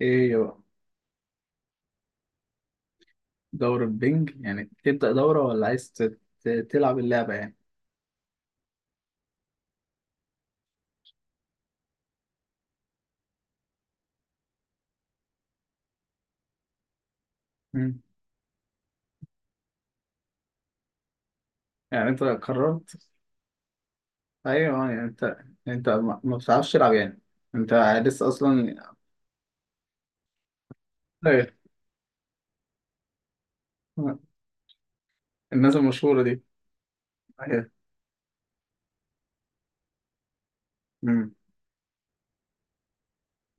ايه يا بقى دورة بينج تبدأ دورة ولا عايز تلعب اللعبة يعني. مم. يعني انت قررت؟ ايوه يعني انت، انت ما بتعرفش تلعب يعني؟ انت لسه اصلا؟ ايوه. الناس المشهورة دي. ايوه. مم.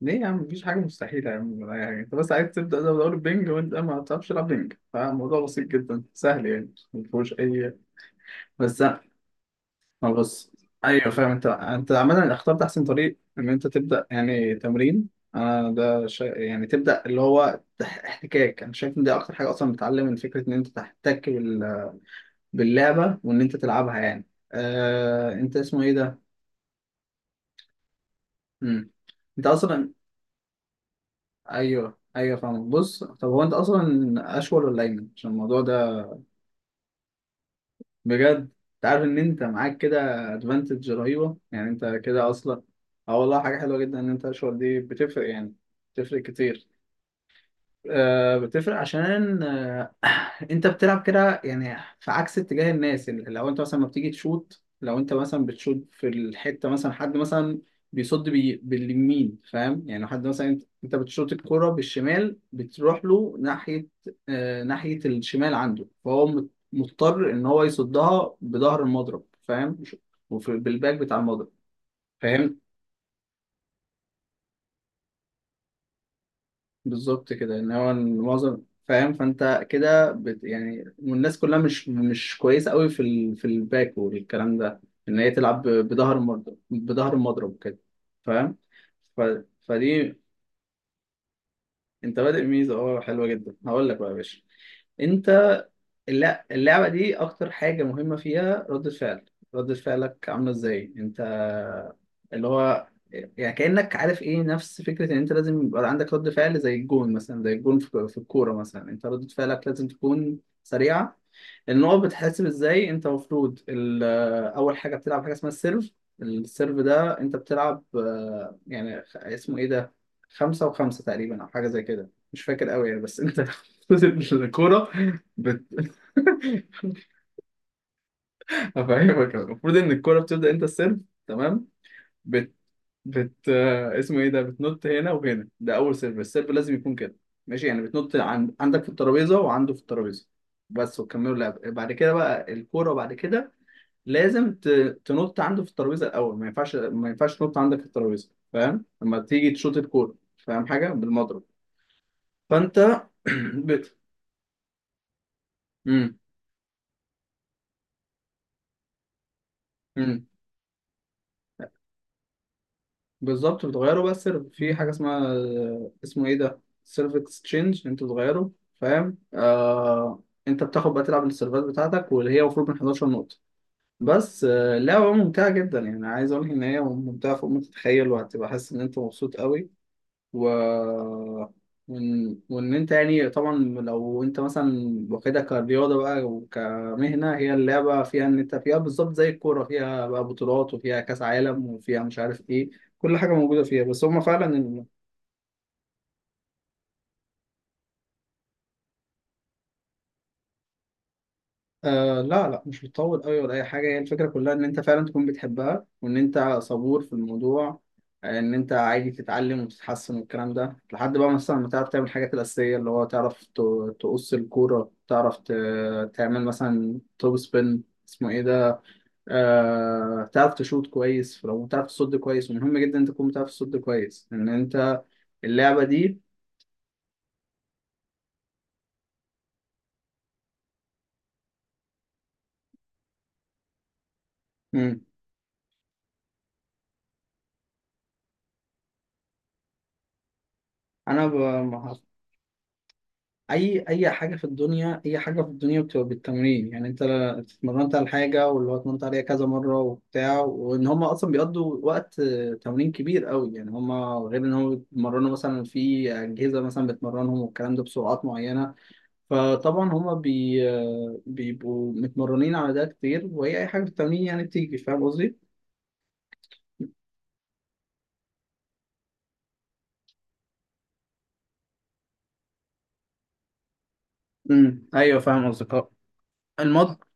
ليه يا عم؟ مفيش حاجة مستحيلة يا عم ولا أي حاجة. انت بس عايز تبدأ دورة بينج وانت ما بتعرفش تلعب بينج، فالموضوع بسيط جدا سهل يعني مفيهوش اي. بس، ما بص، ايوه فاهم، انت انت عمال اخترت احسن طريق ان انت تبدا يعني تمرين. انا يعني تبدا اللي هو احتكاك. انا شايف ان دي اكتر حاجه اصلا بتعلم، من فكره ان انت تحتك باللعبه وان انت تلعبها يعني. انت اسمه ايه ده؟ مم. انت اصلا؟ ايوه فاهم. بص، طب هو انت اصلا اشول ولا ايمن عشان الموضوع ده؟ بجد؟ انت عارف ان انت معاك كده ادفانتج رهيبه يعني، انت كده اصلا. اه والله حاجه حلوه جدا ان انت الاشهر دي بتفرق يعني، بتفرق كتير. آه بتفرق عشان انت بتلعب كده يعني في عكس اتجاه الناس. يعني لو انت مثلا ما بتيجي تشوت، لو انت مثلا بتشوت في الحته، مثلا حد مثلا بيصد باليمين فاهم يعني؟ لو حد مثلا، انت بتشوت الكره بالشمال، بتروح له ناحيه، آه ناحيه الشمال عنده، فهو مضطر ان هو يصدها بظهر المضرب فاهم؟ وفي بالباك بتاع المضرب. فهمت؟ بالظبط كده، ان هو معظم. فاهم؟ فانت كده يعني، والناس كلها مش كويسه قوي في الباك والكلام ده، ان هي تلعب بظهر المضرب، بظهر المضرب كده. فاهم؟ ف... فدي، انت بادئ ميزه اه حلوه جدا. هقول لك بقى يا باشا، انت لا، اللعبة دي أكتر حاجة مهمة فيها ردة فعل. ردة فعلك عاملة إزاي أنت؟ اللي هو يعني كأنك عارف إيه، نفس فكرة إن أنت لازم يبقى عندك رد فعل زي الجون مثلا، زي الجون في الكورة مثلا، أنت ردة فعلك لازم تكون سريعة. النقط بتحسب ازاي؟ انت المفروض اول حاجه بتلعب حاجه اسمها السيرف. السيرف ده انت بتلعب آه، يعني اسمه ايه ده، خمسة وخمسة تقريبا او حاجه زي كده، مش فاكر قوي يعني، بس انت المفروض الكوره بت... هفهمك. المفروض ان الكوره بتبدا، انت السيرف، تمام، بت... بت آه، اسمه ايه ده، بتنط هنا وهنا، ده اول سيرف. السيرف لازم يكون كده، ماشي؟ يعني بتنط عندك في الترابيزه وعنده في الترابيزه بس، وكملوا لعب بعد كده. بقى الكوره بعد كده لازم تنط عنده في الترابيزه الاول، ما ينفعش، ما ينفعش تنط عندك في الترابيزه. فاهم؟ لما تيجي تشوط الكوره، فاهم، حاجه بالمضرب، فانت بت. امم. امم. بالظبط، بتغيره بقى السيرف في حاجه اسمها، اسمه ايه ده، سيرف اكسشينج، انت بتغيره فاهم. آه... انت بتاخد بقى تلعب السيرفات بتاعتك واللي هي المفروض من 11 نقطه بس. آه، اللعبة ممتعة جدا يعني. عايز اقول لك ان هي ممتعة فوق ما تتخيل، وهتبقى حاسس ان انت مبسوط قوي. و وإن أنت يعني طبعا، لو أنت مثلا واخدها كرياضة بقى وكمهنة، هي اللعبة فيها، إن أنت فيها بالظبط زي الكورة، فيها بقى بطولات وفيها كأس عالم وفيها مش عارف إيه، كل حاجة موجودة فيها، بس هما فعلا آه. لا مش بتطول قوي ولا اي حاجه. هي الفكره كلها ان انت فعلا تكون بتحبها، وان انت صبور في الموضوع آه، ان انت عادي تتعلم وتتحسن والكلام ده، لحد بقى مثلا ما تعرف تعمل الحاجات الاساسيه، اللي هو تعرف تقص الكوره، تعرف تعمل مثلا توب سبين، اسمه ايه ده، آه تعرف تشوط كويس، لو تعرف تصد كويس. ومهم جدا انت تكون بتعرف تصد كويس، ان انت اللعبه دي. مم. انا ب... اي اي حاجه في الدنيا، اي حاجه في الدنيا بتبقى بالتمرين يعني. انت اتمرنت على حاجه، واللي هو اتمرنت عليها كذا مره وبتاع، وان هم اصلا بيقضوا وقت آه، تمرين كبير قوي يعني هم، غير ان هم بيتمرنوا مثلا في اجهزه مثلا بتمرنهم والكلام ده بسرعات معينه. فطبعا هم بي آه، بيبقوا متمرنين على ده كتير. وهي اي حاجه في التمرين يعني بتيجي. فاهم قصدي؟ امم، ايوه فاهم قصدك آه. المط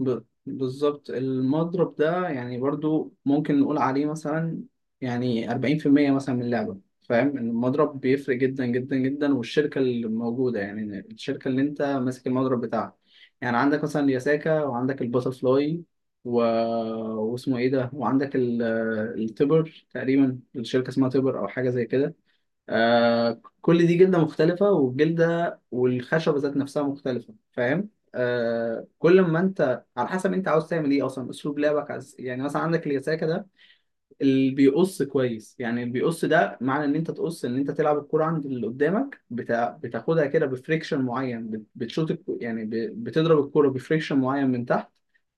ب- بالظبط، المضرب ده يعني برضو ممكن نقول عليه مثلا يعني 40% مثلا من اللعبة. فاهم؟ المضرب بيفرق جدا جدا جدا، والشركة اللي موجودة، يعني الشركة اللي انت ماسك المضرب بتاعها، يعني عندك مثلا ياساكا، وعندك الباتر فلاي و... واسمه ايه ده، وعندك التبر تقريبا، الشركة اسمها تبر او حاجة زي كده. آه كل دي جلدة مختلفة، والجلدة والخشبة ذات نفسها مختلفة. فاهم؟ آه كل ما انت، على حسب انت عاوز تعمل ايه اصلا، اسلوب لعبك عايز إيه. يعني مثلا عندك اليساكا ده اللي بيقص كويس، يعني اللي بيقص ده معنى ان انت تقص، ان انت تلعب الكرة عند اللي قدامك، بتاخدها كده بفريكشن معين، يعني بتضرب الكرة بفريكشن معين من تحت،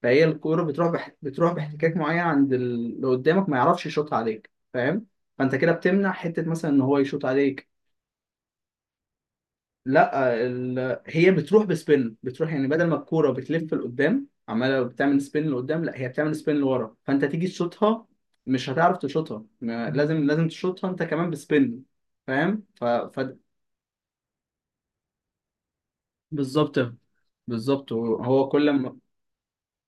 فهي الكرة بتروح باحتكاك معين عند اللي قدامك، ما يعرفش يشوطها عليك. فاهم؟ فانت كده بتمنع حتة مثلا ان هو يشوط عليك. لا هي بتروح بسبين، بتروح يعني بدل ما الكوره بتلف لقدام عماله بتعمل سبين لقدام، لا هي بتعمل سبين لورا، فانت تيجي تشوطها مش هتعرف تشوطها، لازم تشوطها انت كمان بسبين. فاهم؟ بالظبط، بالظبط، هو كل ما،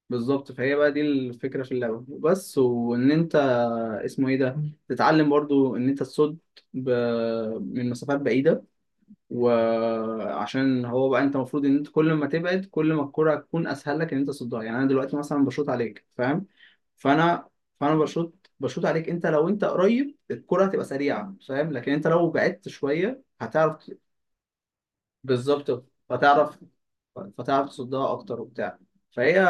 بالظبط. فهي بقى دي الفكره في اللعبه بس، وان انت، اسمه ايه ده، تتعلم برضو ان انت تصد ب... من مسافات بعيده. وعشان هو بقى انت المفروض ان انت، كل ما تبعد كل ما الكرة تكون اسهل لك ان انت تصدها. يعني انا دلوقتي مثلا بشوط عليك فاهم، فانا فانا بشوط عليك، انت لو انت قريب الكرة هتبقى سريعة فاهم، لكن انت لو بعدت شوية هتعرف. بالظبط، فتعرف تصدها اكتر وبتاع. فهي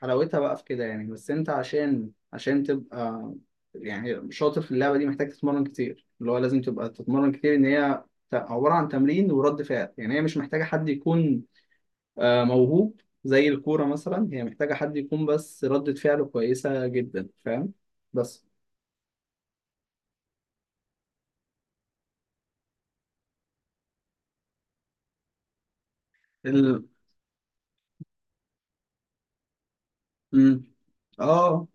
حلاوتها بقى في كده يعني. بس انت عشان، عشان تبقى يعني شاطر في اللعبه دي، محتاج تتمرن كتير، اللي هو لازم تبقى تتمرن كتير، ان هي عباره عن تمرين ورد فعل. يعني هي مش محتاجه حد يكون آه، موهوب زي الكوره مثلا. هي محتاجه حد يكون بس ردة فعله كويسه جدا. فاهم؟ بس ال... مم. اه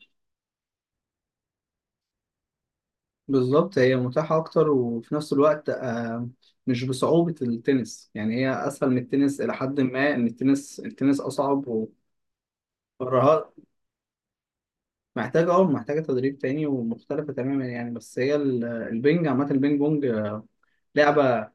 بالظبط، هي متاحة أكتر، وفي نفس الوقت آه، مش بصعوبة التنس يعني. هي أسهل من التنس إلى حد ما، إن التنس، التنس أصعب ومهارات، محتاجة أه محتاجة تدريب تاني ومختلفة تماما يعني. بس هي البينج عامة، البينج بونج آه، لعبة.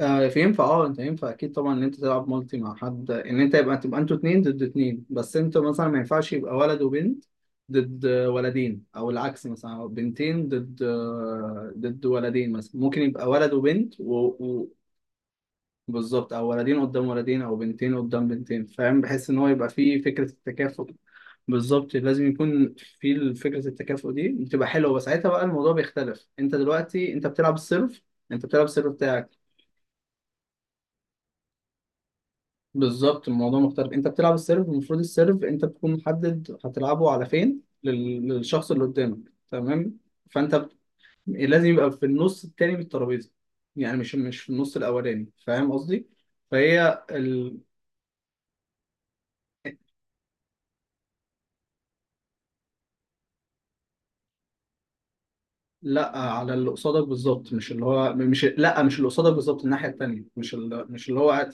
آه، فينفع، اه انت ينفع اكيد طبعا ان انت تلعب مالتي مع حد، ان انت يبقى، تبقى انتوا اتنين ضد اتنين. بس انتوا مثلا ما ينفعش يبقى ولد وبنت ضد ولدين، او العكس مثلا، أو بنتين ضد آه، ضد ولدين مثلا. ممكن يبقى ولد وبنت بالظبط، او ولدين قدام ولدين، او بنتين قدام بنتين. فاهم؟ بحيث ان هو يبقى فيه فكرة التكافؤ. بالظبط، لازم يكون في فكرة التكافؤ دي، بتبقى حلوة. بس ساعتها بقى الموضوع بيختلف، انت دلوقتي انت بتلعب السيرف، انت بتلعب السيرف بتاعك. بالظبط، الموضوع مختلف. انت بتلعب السيرف، المفروض السيرف انت بتكون محدد هتلعبه على فين، للشخص اللي قدامك، تمام؟ فانت ب- لازم يبقى في النص التاني من الترابيزه، يعني مش في النص الاولاني فاهم قصدي. فهي ال... لا على اللي قصادك بالظبط، مش اللي قصادك بالظبط، الناحيه التانيه، مش ال... مش اللي هو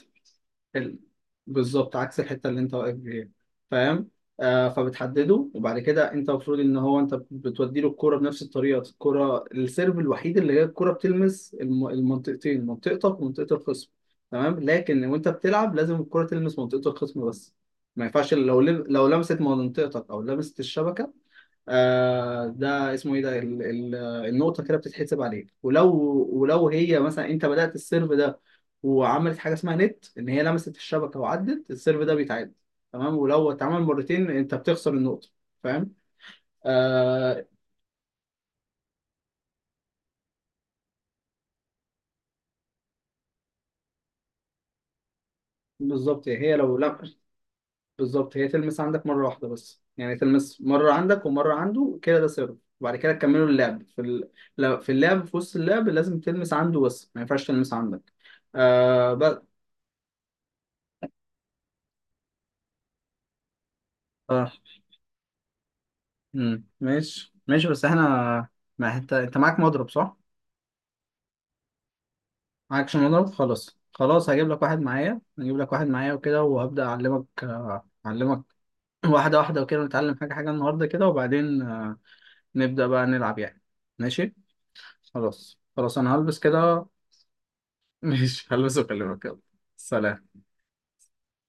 ال- بالظبط عكس الحته اللي انت واقف فيها. فاهم؟ آه فبتحدده، وبعد كده انت المفروض ان هو انت بتودي له الكوره بنفس الطريقه. الكوره السيرف الوحيد اللي هي الكوره بتلمس المنطقتين، منطقتك ومنطقه الخصم، تمام. لكن وانت بتلعب لازم الكوره تلمس منطقه الخصم بس، ما ينفعش لو لو لمست منطقتك او لمست الشبكه. آه ده اسمه ايه ده، ال ال النقطة كده بتتحسب عليك. ولو، ولو هي مثلا انت بدأت السيرف ده وعملت حاجة اسمها نت، ان هي لمست الشبكة، وعدت، السيرف ده بيتعاد تمام. ولو اتعمل مرتين انت بتخسر النقطة. فاهم؟ آه. بالظبط، هي لو لا، بالظبط هي تلمس عندك مرة واحدة بس، يعني تلمس مرة عندك ومرة عنده كده، ده سيرف. وبعد كده تكملوا اللعب في ال... لا- في اللعب في وسط اللعب لازم تلمس عنده بس، ما ينفعش تلمس عندك آه بس. اه، امم، ماشي ماشي. بس احنا، ما انت، انت معاك مضرب صح؟ معاكش مضرب، خلاص خلاص هجيب لك واحد معايا، هجيب لك واحد معايا وكده، وهبدأ أعلمك آه، أعلمك واحدة واحدة وكده، نتعلم حاجة حاجة النهاردة كده، وبعدين آه، نبدأ بقى نلعب يعني. ماشي، خلاص خلاص أنا هلبس كده. ماشي هلبس وأكلمك يلا. سلام.